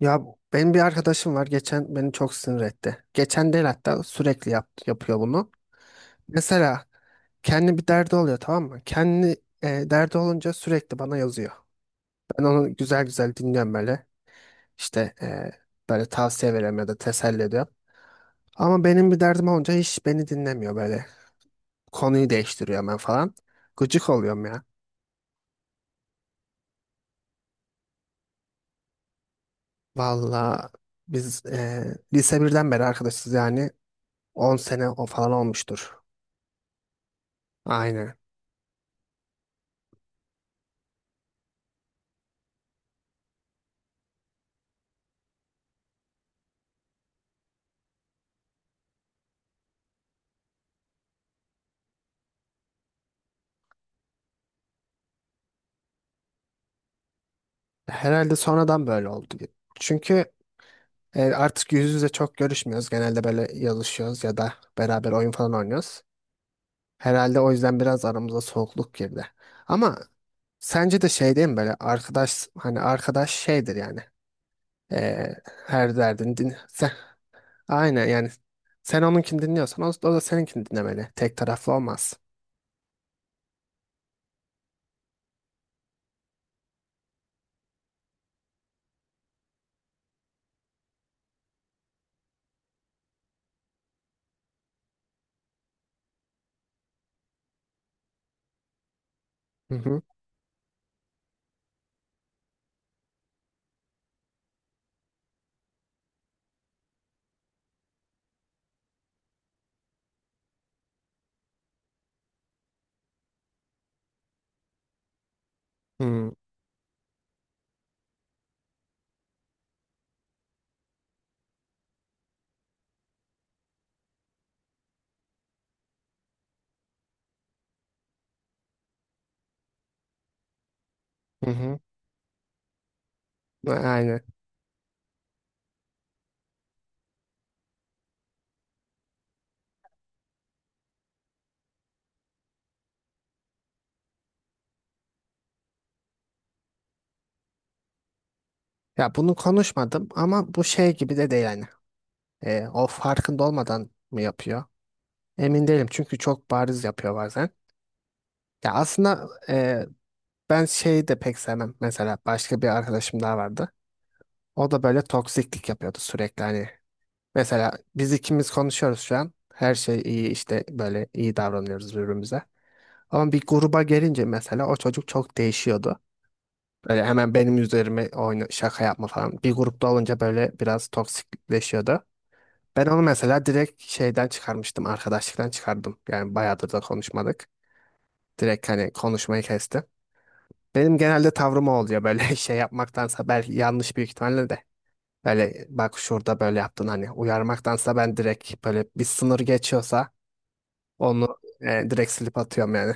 Ya benim bir arkadaşım var, geçen beni çok sinir etti. Geçen değil hatta sürekli yapıyor bunu. Mesela kendi bir derdi oluyor, tamam mı? Kendi derdi olunca sürekli bana yazıyor. Ben onu güzel güzel dinliyorum böyle. İşte böyle tavsiye veriyorum ya da teselli ediyorum. Ama benim bir derdim olunca hiç beni dinlemiyor böyle. Konuyu değiştiriyor ben falan. Gıcık oluyorum ya. Valla biz lise birden beri arkadaşız yani, 10 sene o falan olmuştur. Aynen. Herhalde sonradan böyle oldu gibi. Çünkü artık yüz yüze çok görüşmüyoruz. Genelde böyle yazışıyoruz ya da beraber oyun falan oynuyoruz. Herhalde o yüzden biraz aramıza soğukluk girdi. Ama sence de şey değil mi, böyle arkadaş, hani arkadaş şeydir yani. E, her derdin din. Aynen yani, sen onunkini dinliyorsan o da seninkini dinlemeli. Tek taraflı olmaz. Hı hı. Hı hı. Hı. Aynen. Ya bunu konuşmadım ama bu şey gibi de değil yani. O farkında olmadan mı yapıyor? Emin değilim çünkü çok bariz yapıyor bazen. Ya aslında ben şeyi de pek sevmem. Mesela başka bir arkadaşım daha vardı. O da böyle toksiklik yapıyordu sürekli hani. Mesela biz ikimiz konuşuyoruz şu an. Her şey iyi, işte böyle iyi davranıyoruz birbirimize. Ama bir gruba gelince mesela o çocuk çok değişiyordu. Böyle hemen benim üzerime oyna, şaka yapma falan. Bir grupta olunca böyle biraz toksikleşiyordu. Ben onu mesela direkt şeyden çıkarmıştım, arkadaşlıktan çıkardım. Yani bayağıdır da konuşmadık. Direkt hani konuşmayı kestim. Benim genelde tavrım o oluyor, böyle şey yapmaktansa, belki yanlış büyük ihtimalle de. Böyle bak şurada böyle yaptın hani uyarmaktansa, ben direkt böyle bir sınır geçiyorsa onu direkt silip atıyorum yani.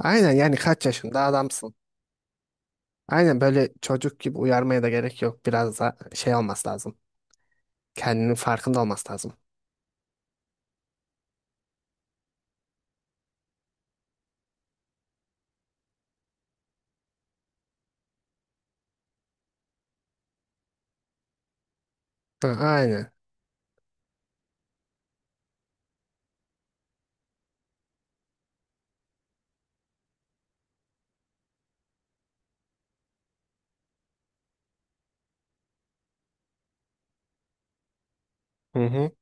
Aynen yani, kaç yaşında adamsın. Aynen, böyle çocuk gibi uyarmaya da gerek yok. Biraz da şey olması lazım. Kendinin farkında olması lazım. Ha, aynen. Hı hı.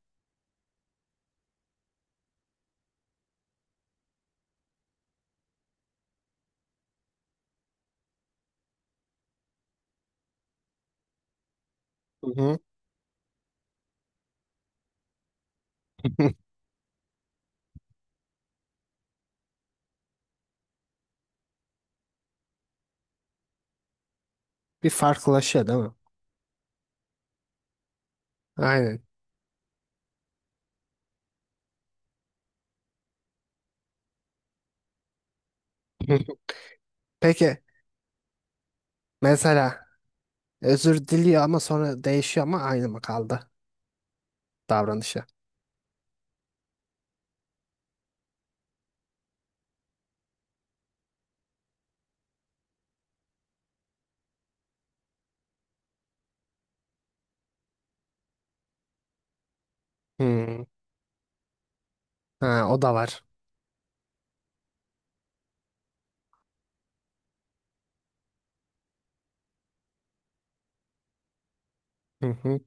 Hı hı. Bir farklılaşıyor değil mi? Aynen. Hı hı. Peki mesela özür diliyor ama sonra değişiyor, ama aynı mı kaldı davranışı? Hmm. Ha, o da var. Hı hı.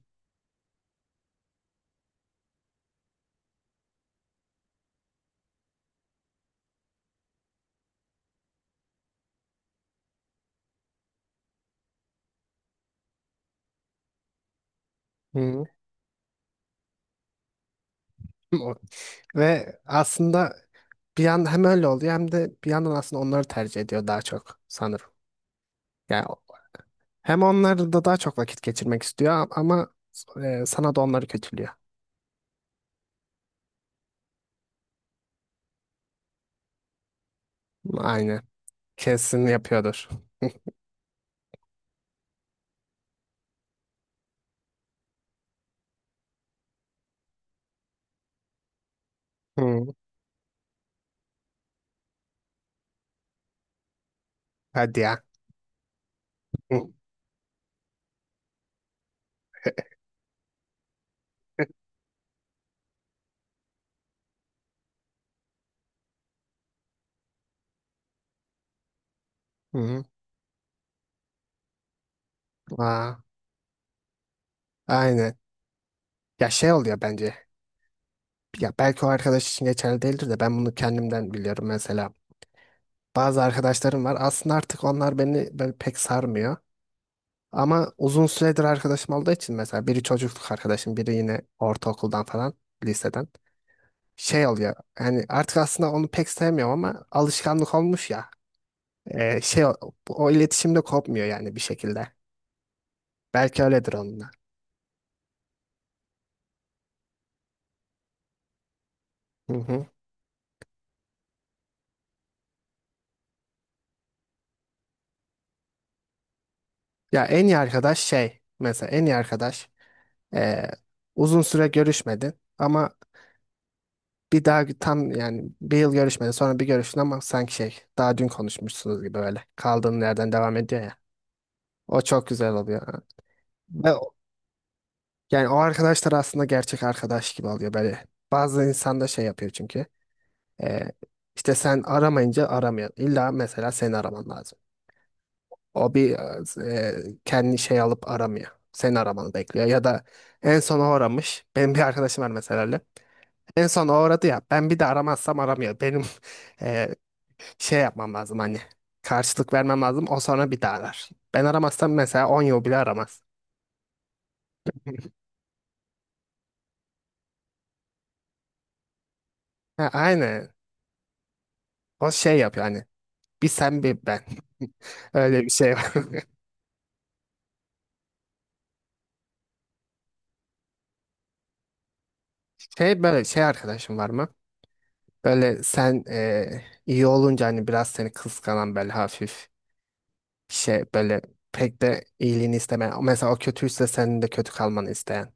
Hı. O- Ve aslında bir yandan hem öyle oluyor hem de bir yandan aslında onları tercih ediyor daha çok sanırım. Yani, hem onlarla da daha çok vakit geçirmek istiyor ama sana da onları kötülüyor. Aynen. Kesin yapıyordur. Hı. Hadi ya. Hı. Hı. Aa, aynen. Ya şey oluyor bence. Ya belki o arkadaş için geçerli değildir de ben bunu kendimden biliyorum mesela. Bazı arkadaşlarım var. Aslında artık onlar beni böyle pek sarmıyor. Ama uzun süredir arkadaşım olduğu için mesela biri çocukluk arkadaşım, biri yine ortaokuldan falan, liseden. Şey oluyor. Yani artık aslında onu pek sevmiyorum ama alışkanlık olmuş ya. Şey o iletişim kopmuyor yani bir şekilde. Belki öyledir onunla. Hı hı. Ya en iyi arkadaş şey, mesela en iyi arkadaş ee, uzun süre görüşmedin ama bir daha tam yani bir yıl görüşmedin, sonra bir görüştün ama sanki şey daha dün konuşmuşsunuz gibi, öyle kaldığın yerden devam ediyor ya. O çok güzel oluyor. Ve o- yani o arkadaşlar aslında gerçek arkadaş gibi oluyor böyle. Bazı insan da şey yapıyor çünkü. ee, işte sen aramayınca aramıyor. İlla mesela seni araman lazım. O bir e, kendi şey alıp aramıyor. Seni aramanı bekliyor. Ya da en son o aramış. Benim bir arkadaşım var mesela öyle. En son o aradı ya. Ben bir de aramazsam aramıyor. Benim e, şey yapmam lazım hani. Karşılık vermem lazım. O sonra bir daha arar. Ben aramazsam mesela 10 yıl bile aramaz. Ha, aynı. O şey yapıyor hani. Bir sen bir ben. Öyle bir şey var. Şey, böyle şey arkadaşım var mı? Böyle sen iyi olunca hani biraz seni kıskanan, böyle hafif, şey, böyle pek de iyiliğini istemeyen. Mesela o kötüyse senin de kötü kalmanı isteyen.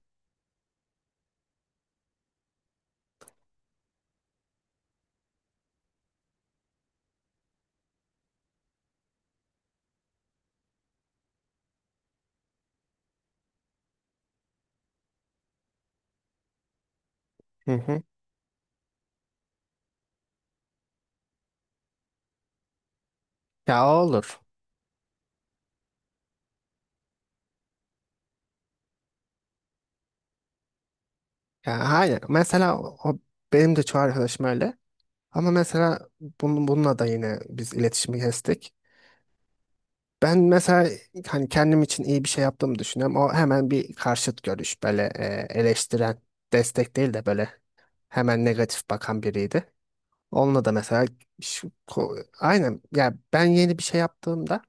Hı hı. Ya o olur. Ya hayır. Mesela benim de çoğu arkadaşım öyle. Ama mesela bununla da yine biz iletişimi kestik. Ben mesela hani kendim için iyi bir şey yaptığımı düşünüyorum. O hemen bir karşıt görüş, böyle eleştiren, destek değil de böyle hemen negatif bakan biriydi. Onunla da mesela aynen ya, ben yeni bir şey yaptığımda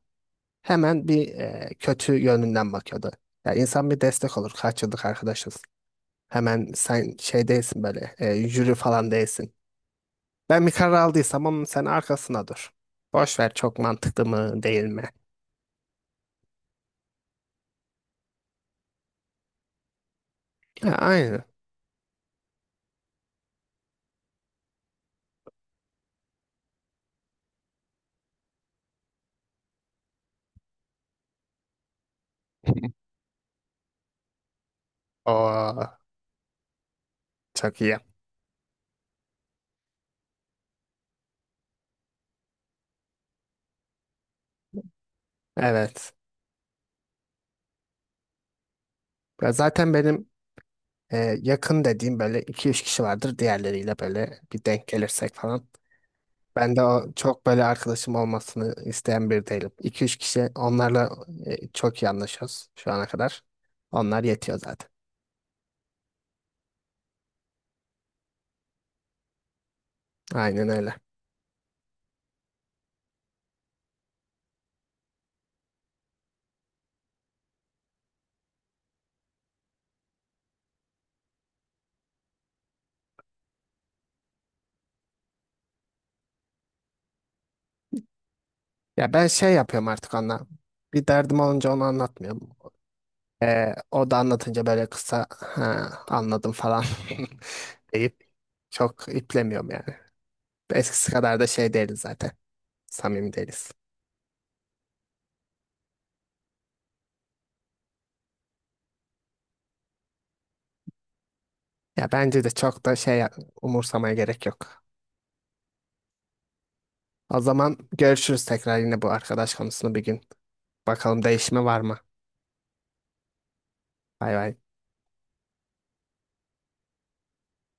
hemen bir kötü yönünden bakıyordu. Ya insan bir destek olur. Kaç yıllık arkadaşız. Hemen, sen şey değilsin, böyle jüri falan değilsin. Ben bir karar aldıysam onun sen arkasına dur. Boş ver çok mantıklı mı değil mi? Ha, aynı. Oo, çok iyi. Evet. Ya zaten benim e, yakın dediğim böyle 2 üç kişi vardır. Diğerleriyle böyle bir denk gelirsek falan. Ben de o çok böyle arkadaşım olmasını isteyen biri değilim. iki üç kişi, onlarla çok iyi anlaşıyoruz şu ana kadar. Onlar yetiyor zaten. Aynen öyle. Ya ben şey yapıyorum artık onunla. Bir derdim olunca onu anlatmıyorum. O da anlatınca böyle kısa ha, anladım falan deyip çok iplemiyorum yani. Eskisi kadar da şey değiliz zaten. Samimi değiliz. Ya bence de çok da şey, umursamaya gerek yok. O zaman görüşürüz tekrar, yine bu arkadaş konusunu bir gün. Bakalım değişme var mı? Bay bay.